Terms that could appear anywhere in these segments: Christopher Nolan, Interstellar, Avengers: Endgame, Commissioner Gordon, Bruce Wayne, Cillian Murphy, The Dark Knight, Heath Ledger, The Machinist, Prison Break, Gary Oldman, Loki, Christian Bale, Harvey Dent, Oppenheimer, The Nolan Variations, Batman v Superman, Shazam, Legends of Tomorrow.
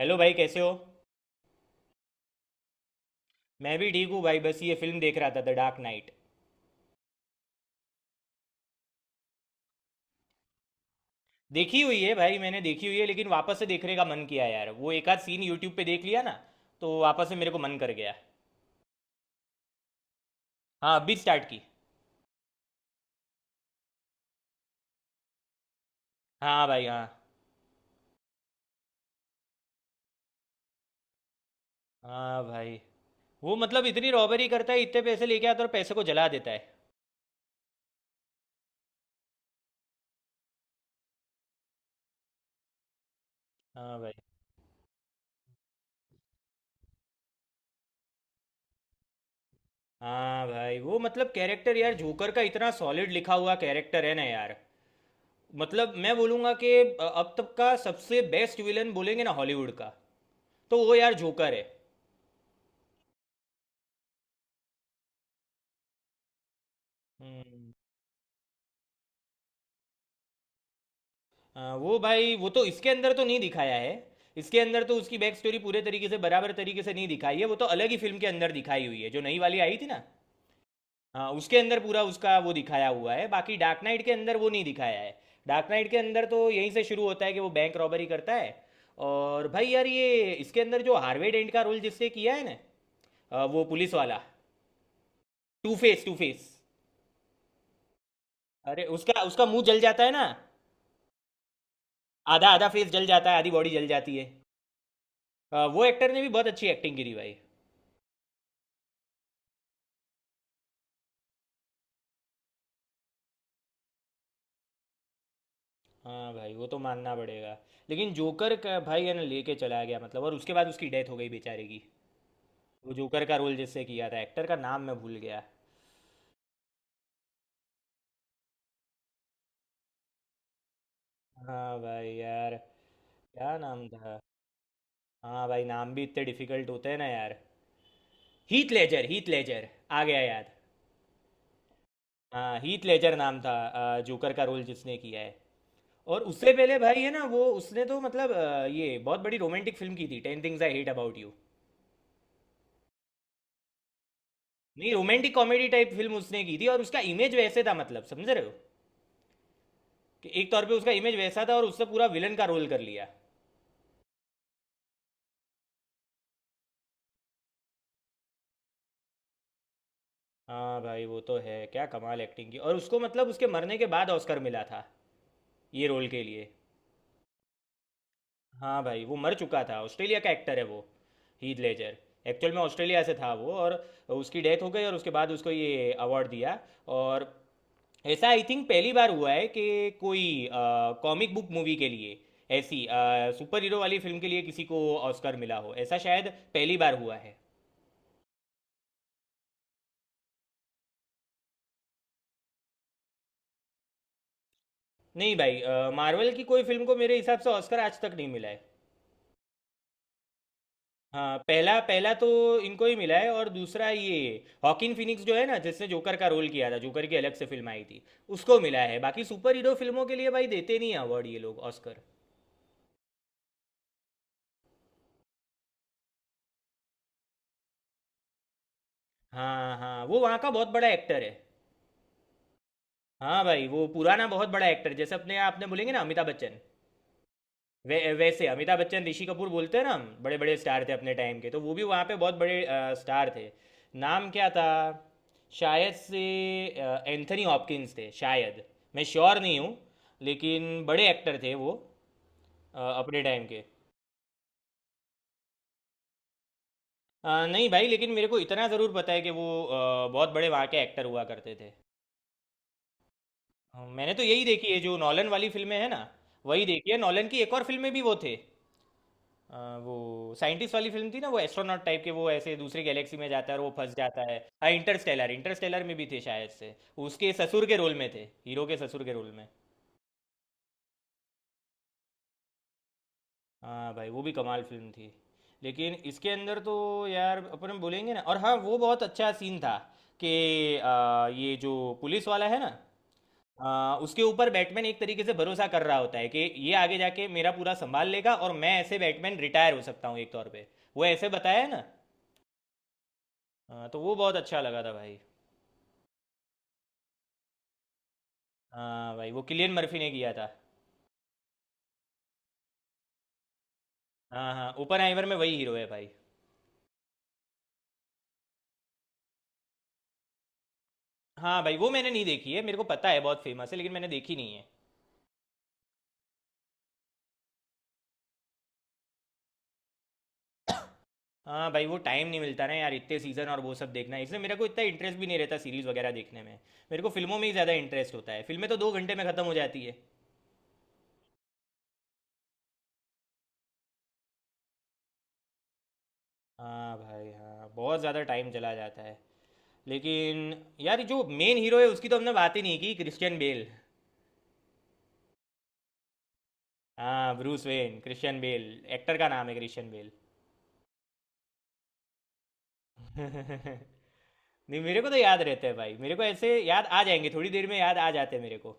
Hello भाई, कैसे हो? मैं भी ठीक हूँ भाई, बस ये फिल्म देख रहा था, द डार्क नाइट। देखी हुई है भाई, मैंने देखी हुई है लेकिन वापस से देखने का मन किया यार, वो एक आध सीन यूट्यूब पे देख लिया ना, तो वापस से मेरे को मन कर गया। हाँ अभी स्टार्ट की। हाँ भाई हाँ। हाँ भाई, वो मतलब इतनी रॉबरी करता है, इतने पैसे लेके आता है और पैसे को जला देता है। हाँ भाई। हाँ भाई, वो मतलब कैरेक्टर यार, जोकर का इतना सॉलिड लिखा हुआ कैरेक्टर है ना यार। मतलब मैं बोलूँगा कि अब तक का सबसे बेस्ट विलन बोलेंगे ना हॉलीवुड का, तो वो यार जोकर है। हम्म, वो भाई, वो तो इसके अंदर तो नहीं दिखाया है। इसके अंदर तो उसकी बैक स्टोरी पूरे तरीके से बराबर तरीके से नहीं दिखाई है, वो तो अलग ही फिल्म के अंदर दिखाई हुई है जो नई वाली आई थी ना। हाँ उसके अंदर पूरा उसका वो दिखाया हुआ है, बाकी डार्क नाइट के अंदर वो नहीं दिखाया है। डार्क नाइट के अंदर तो यहीं से शुरू होता है कि वो बैंक रॉबरी करता है। और भाई यार, ये इसके अंदर जो हार्वे डेंट का रोल जिससे किया है ना, वो पुलिस वाला, टू फेस टू फेस। अरे उसका उसका मुंह जल जाता है ना, आधा आधा फेस जल जाता है, आधी बॉडी जल जाती है। हाँ, वो एक्टर ने भी बहुत अच्छी एक्टिंग करी भाई। हाँ भाई वो तो मानना पड़ेगा। लेकिन जोकर का भाई है ना लेके चला गया मतलब, और उसके बाद उसकी डेथ हो गई बेचारे की। वो जोकर का रोल जिससे किया था, एक्टर का नाम मैं भूल गया। हाँ भाई यार। क्या नाम था? हाँ भाई, नाम भी इतने डिफिकल्ट होते हैं ना यार। हीथ लेजर, हीथ लेजर, आ गया याद। हाँ, हीथ लेजर नाम था, जोकर का रोल जिसने किया है। और उससे पहले भाई है ना, वो उसने तो मतलब ये बहुत बड़ी रोमांटिक फिल्म की थी, ten things I hate about you. नहीं, रोमांटिक कॉमेडी टाइप फिल्म उसने की थी, और उसका इमेज वैसे था, मतलब समझ रहे हो, कि एक तौर पे उसका इमेज वैसा था, और उससे पूरा विलन का रोल कर लिया। हाँ भाई, वो तो है क्या कमाल एक्टिंग की, और उसको मतलब उसके मरने के बाद ऑस्कर मिला था, ये रोल के लिए। हाँ भाई, वो मर चुका था, ऑस्ट्रेलिया का एक्टर है वो, हीथ लेजर। एक्चुअल में ऑस्ट्रेलिया से था वो, और उसकी डेथ हो गई और उसके बाद उसको ये अवार्ड दिया। और ऐसा आई थिंक पहली बार हुआ है कि कोई कॉमिक बुक मूवी के लिए, ऐसी सुपर हीरो वाली फिल्म के लिए किसी को ऑस्कर मिला हो, ऐसा शायद पहली बार हुआ है। नहीं भाई, मार्वल की कोई फिल्म को मेरे हिसाब से ऑस्कर आज तक नहीं मिला है। हाँ, पहला पहला तो इनको ही मिला है, और दूसरा ये हॉकिन फिनिक्स जो है ना, जिसने जोकर का रोल किया था, जोकर की अलग से फिल्म आई थी, उसको मिला है। बाकी सुपर हीरो फिल्मों के लिए भाई देते नहीं अवार्ड ये लोग, ऑस्कर। हाँ हाँ, वो वहाँ का बहुत बड़ा एक्टर है। हाँ भाई, वो पुराना बहुत बड़ा एक्टर, जैसे अपने आपने बोलेंगे ना अमिताभ बच्चन। वैसे अमिताभ बच्चन ऋषि कपूर बोलते हैं ना, हम बड़े बड़े स्टार थे अपने टाइम के, तो वो भी वहाँ पे बहुत बड़े स्टार थे। नाम क्या था? शायद से एंथनी हॉपकिंस थे शायद, मैं श्योर नहीं हूँ, लेकिन बड़े एक्टर थे वो, अपने टाइम के। नहीं भाई, लेकिन मेरे को इतना ज़रूर पता है कि वो बहुत बड़े वहाँ के एक्टर हुआ करते थे। मैंने तो यही देखी है जो नॉलन वाली फिल्में हैं ना, वही देखी है। नॉलन की एक और फिल्म में भी वो थे, अ, वो साइंटिस्ट वाली फिल्म थी ना, वो एस्ट्रोनॉट टाइप के, वो ऐसे दूसरी गैलेक्सी में जाता है और वो फंस जाता है। हाँ इंटरस्टेलर, इंटरस्टेलर में भी थे शायद से, उसके ससुर के रोल में थे, हीरो के ससुर के रोल में। हाँ भाई, वो भी कमाल फिल्म थी। लेकिन इसके अंदर तो यार अपन बोलेंगे ना, और हाँ वो बहुत अच्छा सीन था कि ये जो पुलिस वाला है ना, उसके ऊपर बैटमैन एक तरीके से भरोसा कर रहा होता है कि ये आगे जाके मेरा पूरा संभाल लेगा, और मैं ऐसे बैटमैन रिटायर हो सकता हूँ एक तौर पे, वो ऐसे बताया है ना। हाँ, तो वो बहुत अच्छा लगा था भाई। हाँ भाई, वो किलियन मर्फी ने किया था। हाँ हाँ, ओपनहाइमर में वही हीरो है भाई। हाँ भाई, वो मैंने नहीं देखी है, मेरे को पता है बहुत फेमस है लेकिन मैंने देखी नहीं है। हाँ भाई, वो टाइम नहीं मिलता ना यार, इतने सीज़न और वो सब देखना, इसलिए मेरे को इतना इंटरेस्ट भी नहीं रहता सीरीज़ वगैरह देखने में। मेरे को फिल्मों में ही ज़्यादा इंटरेस्ट होता है, फिल्में तो 2 घंटे में ख़त्म हो जाती है। हाँ भाई हाँ, बहुत ज़्यादा टाइम चला जाता है। लेकिन यार जो मेन हीरो है, उसकी तो हमने बात ही नहीं की, क्रिश्चियन बेल। हाँ Bruce Wayne, Christian Bale, actor का नाम है क्रिश्चियन बेल। नहीं, मेरे को तो याद रहता है भाई, मेरे को ऐसे याद आ जाएंगे, थोड़ी देर में याद आ जाते हैं मेरे को।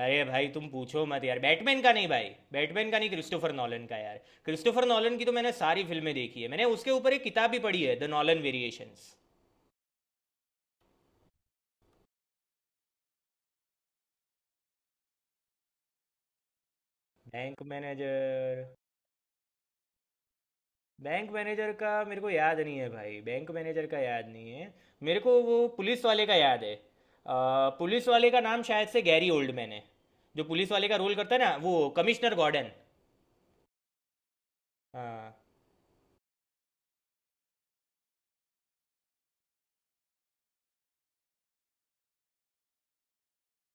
अरे भाई, तुम पूछो मत यार, बैटमैन का नहीं भाई, बैटमैन का नहीं, क्रिस्टोफर नॉलन का, यार क्रिस्टोफर नॉलन की तो मैंने सारी फिल्में देखी है, मैंने उसके ऊपर एक किताब भी पढ़ी है, the Nolan Variations. Bank manager? Bank manager का मेरे को याद नहीं है भाई, बैंक मैनेजर का याद नहीं है। मेरे को वो पुलिस वाले का याद है, पुलिस वाले का नाम शायद से गैरी ओल्डमैन है, जो पुलिस वाले का रोल करता है ना, वो कमिश्नर गॉर्डन। हाँ।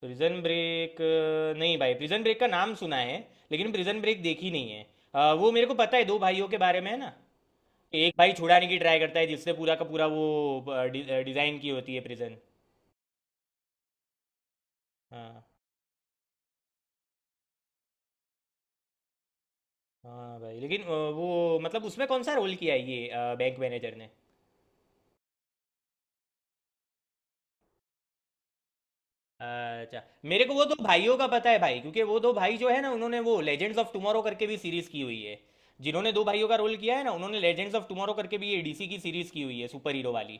Prison Break? नहीं भाई, प्रिजन ब्रेक का नाम सुना है, लेकिन प्रिजन ब्रेक देखी नहीं है। वो मेरे को पता है, दो भाइयों के बारे में है ना, एक भाई छुड़ाने की ट्राई करता है, जिससे पूरा का पूरा वो डिज़ाइन की होती है प्रिजन। हाँ। हाँ भाई, लेकिन वो मतलब उसमें कौन सा रोल किया है, ये बैंक मैनेजर ने? अच्छा, मेरे को वो दो भाइयों का पता है भाई, क्योंकि वो दो भाई जो है ना, उन्होंने वो लेजेंड्स ऑफ टुमारो करके भी सीरीज की हुई है। जिन्होंने दो भाइयों का रोल किया है ना, उन्होंने लेजेंड्स ऑफ टुमारो करके भी ये डीसी की सीरीज की हुई है, सुपर हीरो वाली।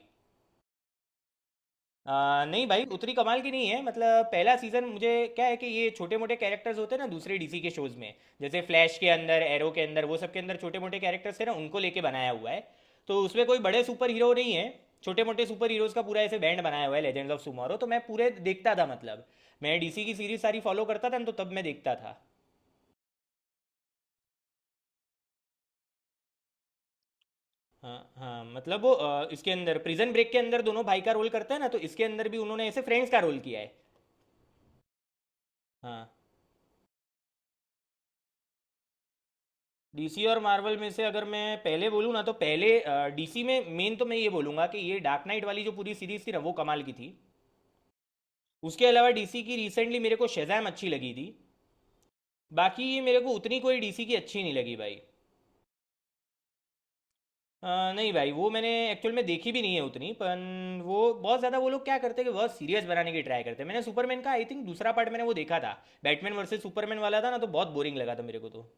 नहीं भाई, उतनी कमाल की नहीं है, मतलब पहला सीजन मुझे क्या है कि ये छोटे मोटे कैरेक्टर्स होते हैं ना दूसरे डीसी के शोज में, जैसे फ्लैश के अंदर, एरो के अंदर, वो सब के अंदर छोटे मोटे कैरेक्टर्स थे ना, उनको लेके बनाया हुआ है। तो उसमें कोई बड़े सुपर हीरो नहीं है, छोटे मोटे सुपर हीरोज का पूरा ऐसे बैंड बनाया हुआ है लेजेंड्स ऑफ सुमारो, तो मैं पूरे देखता था, मतलब मैं डीसी की सीरीज सारी फॉलो करता था ना, तो तब मैं देखता था। हाँ हाँ, मतलब वो इसके अंदर प्रिजन ब्रेक के अंदर दोनों भाई का रोल करता है ना, तो इसके अंदर भी उन्होंने ऐसे फ्रेंड्स का रोल किया है। हाँ। डीसी और मार्वल में से अगर मैं पहले बोलूँ ना, तो पहले डीसी में मेन तो मैं ये बोलूँगा कि ये डार्क नाइट वाली जो पूरी सीरीज थी ना, वो कमाल की थी। उसके अलावा डीसी की रिसेंटली मेरे को शेजैम अच्छी लगी थी, बाकी ये मेरे को उतनी कोई डीसी की अच्छी नहीं लगी भाई। नहीं भाई, वो मैंने एक्चुअल में देखी भी नहीं है उतनी पन, वो बहुत ज़्यादा वो लोग क्या करते हैं कि बहुत सीरियस बनाने की ट्राई करते हैं। मैंने सुपरमैन का आई थिंक दूसरा पार्ट मैंने वो देखा था, बैटमैन वर्सेस सुपरमैन वाला था ना, तो बहुत बोरिंग लगा था मेरे को तो।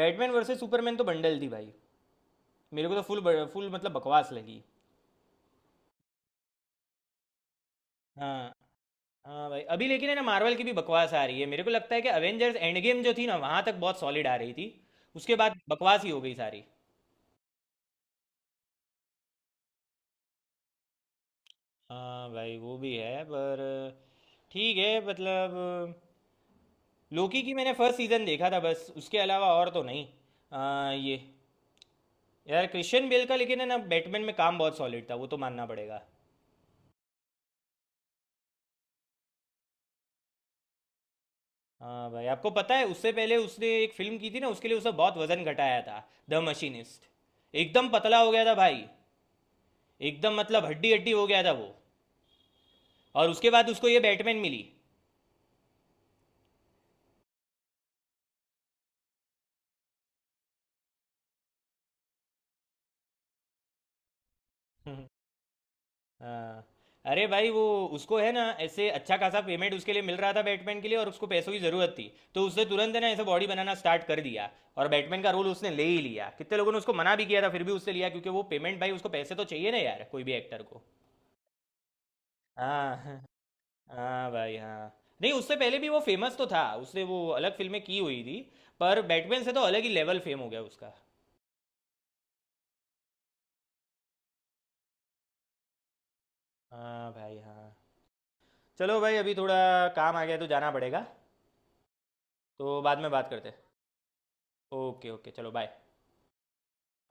बैटमैन वर्सेस सुपरमैन तो बंडल थी भाई, मेरे को तो फुल फुल मतलब बकवास लगी। हाँ। हाँ भाई, अभी लेकिन है ना मार्वल की भी बकवास आ रही है, मेरे को लगता है कि अवेंजर्स एंड गेम जो थी ना, वहां तक बहुत सॉलिड आ रही थी, उसके बाद बकवास ही हो गई सारी। हाँ भाई वो भी है, पर ठीक है मतलब, लोकी की मैंने फर्स्ट सीजन देखा था बस, उसके अलावा और तो नहीं। आ, ये यार क्रिश्चियन बेल का लेकिन है ना, बैटमैन में काम बहुत सॉलिड था, वो तो मानना पड़ेगा। हाँ भाई, आपको पता है उससे पहले उसने एक फिल्म की थी ना, उसके लिए उसने बहुत वजन घटाया था, द मशीनिस्ट। एकदम पतला हो गया था भाई, एकदम मतलब हड्डी हड्डी हो गया था वो। और उसके बाद उसको ये बैटमैन मिली। हाँ, अरे भाई वो, उसको है ना ऐसे अच्छा खासा पेमेंट उसके लिए मिल रहा था बैटमैन के लिए, और उसको पैसों की ज़रूरत थी, तो उसने तुरंत है ना ऐसे बॉडी बनाना स्टार्ट कर दिया, और बैटमैन का रोल उसने ले ही लिया। कितने लोगों ने उसको मना भी किया था फिर भी उससे लिया, क्योंकि वो पेमेंट भाई, उसको पैसे तो चाहिए ना यार कोई भी एक्टर को। हाँ। हाँ। हाँ भाई हाँ। नहीं, उससे पहले भी वो फेमस तो था, उसने वो अलग फिल्में की हुई थी, पर बैटमैन से तो अलग ही लेवल फेम हो गया उसका। हाँ भाई हाँ। चलो भाई, अभी थोड़ा काम आ गया है तो जाना पड़ेगा, तो बाद में बात करते हैं। ओके ओके, चलो बाय।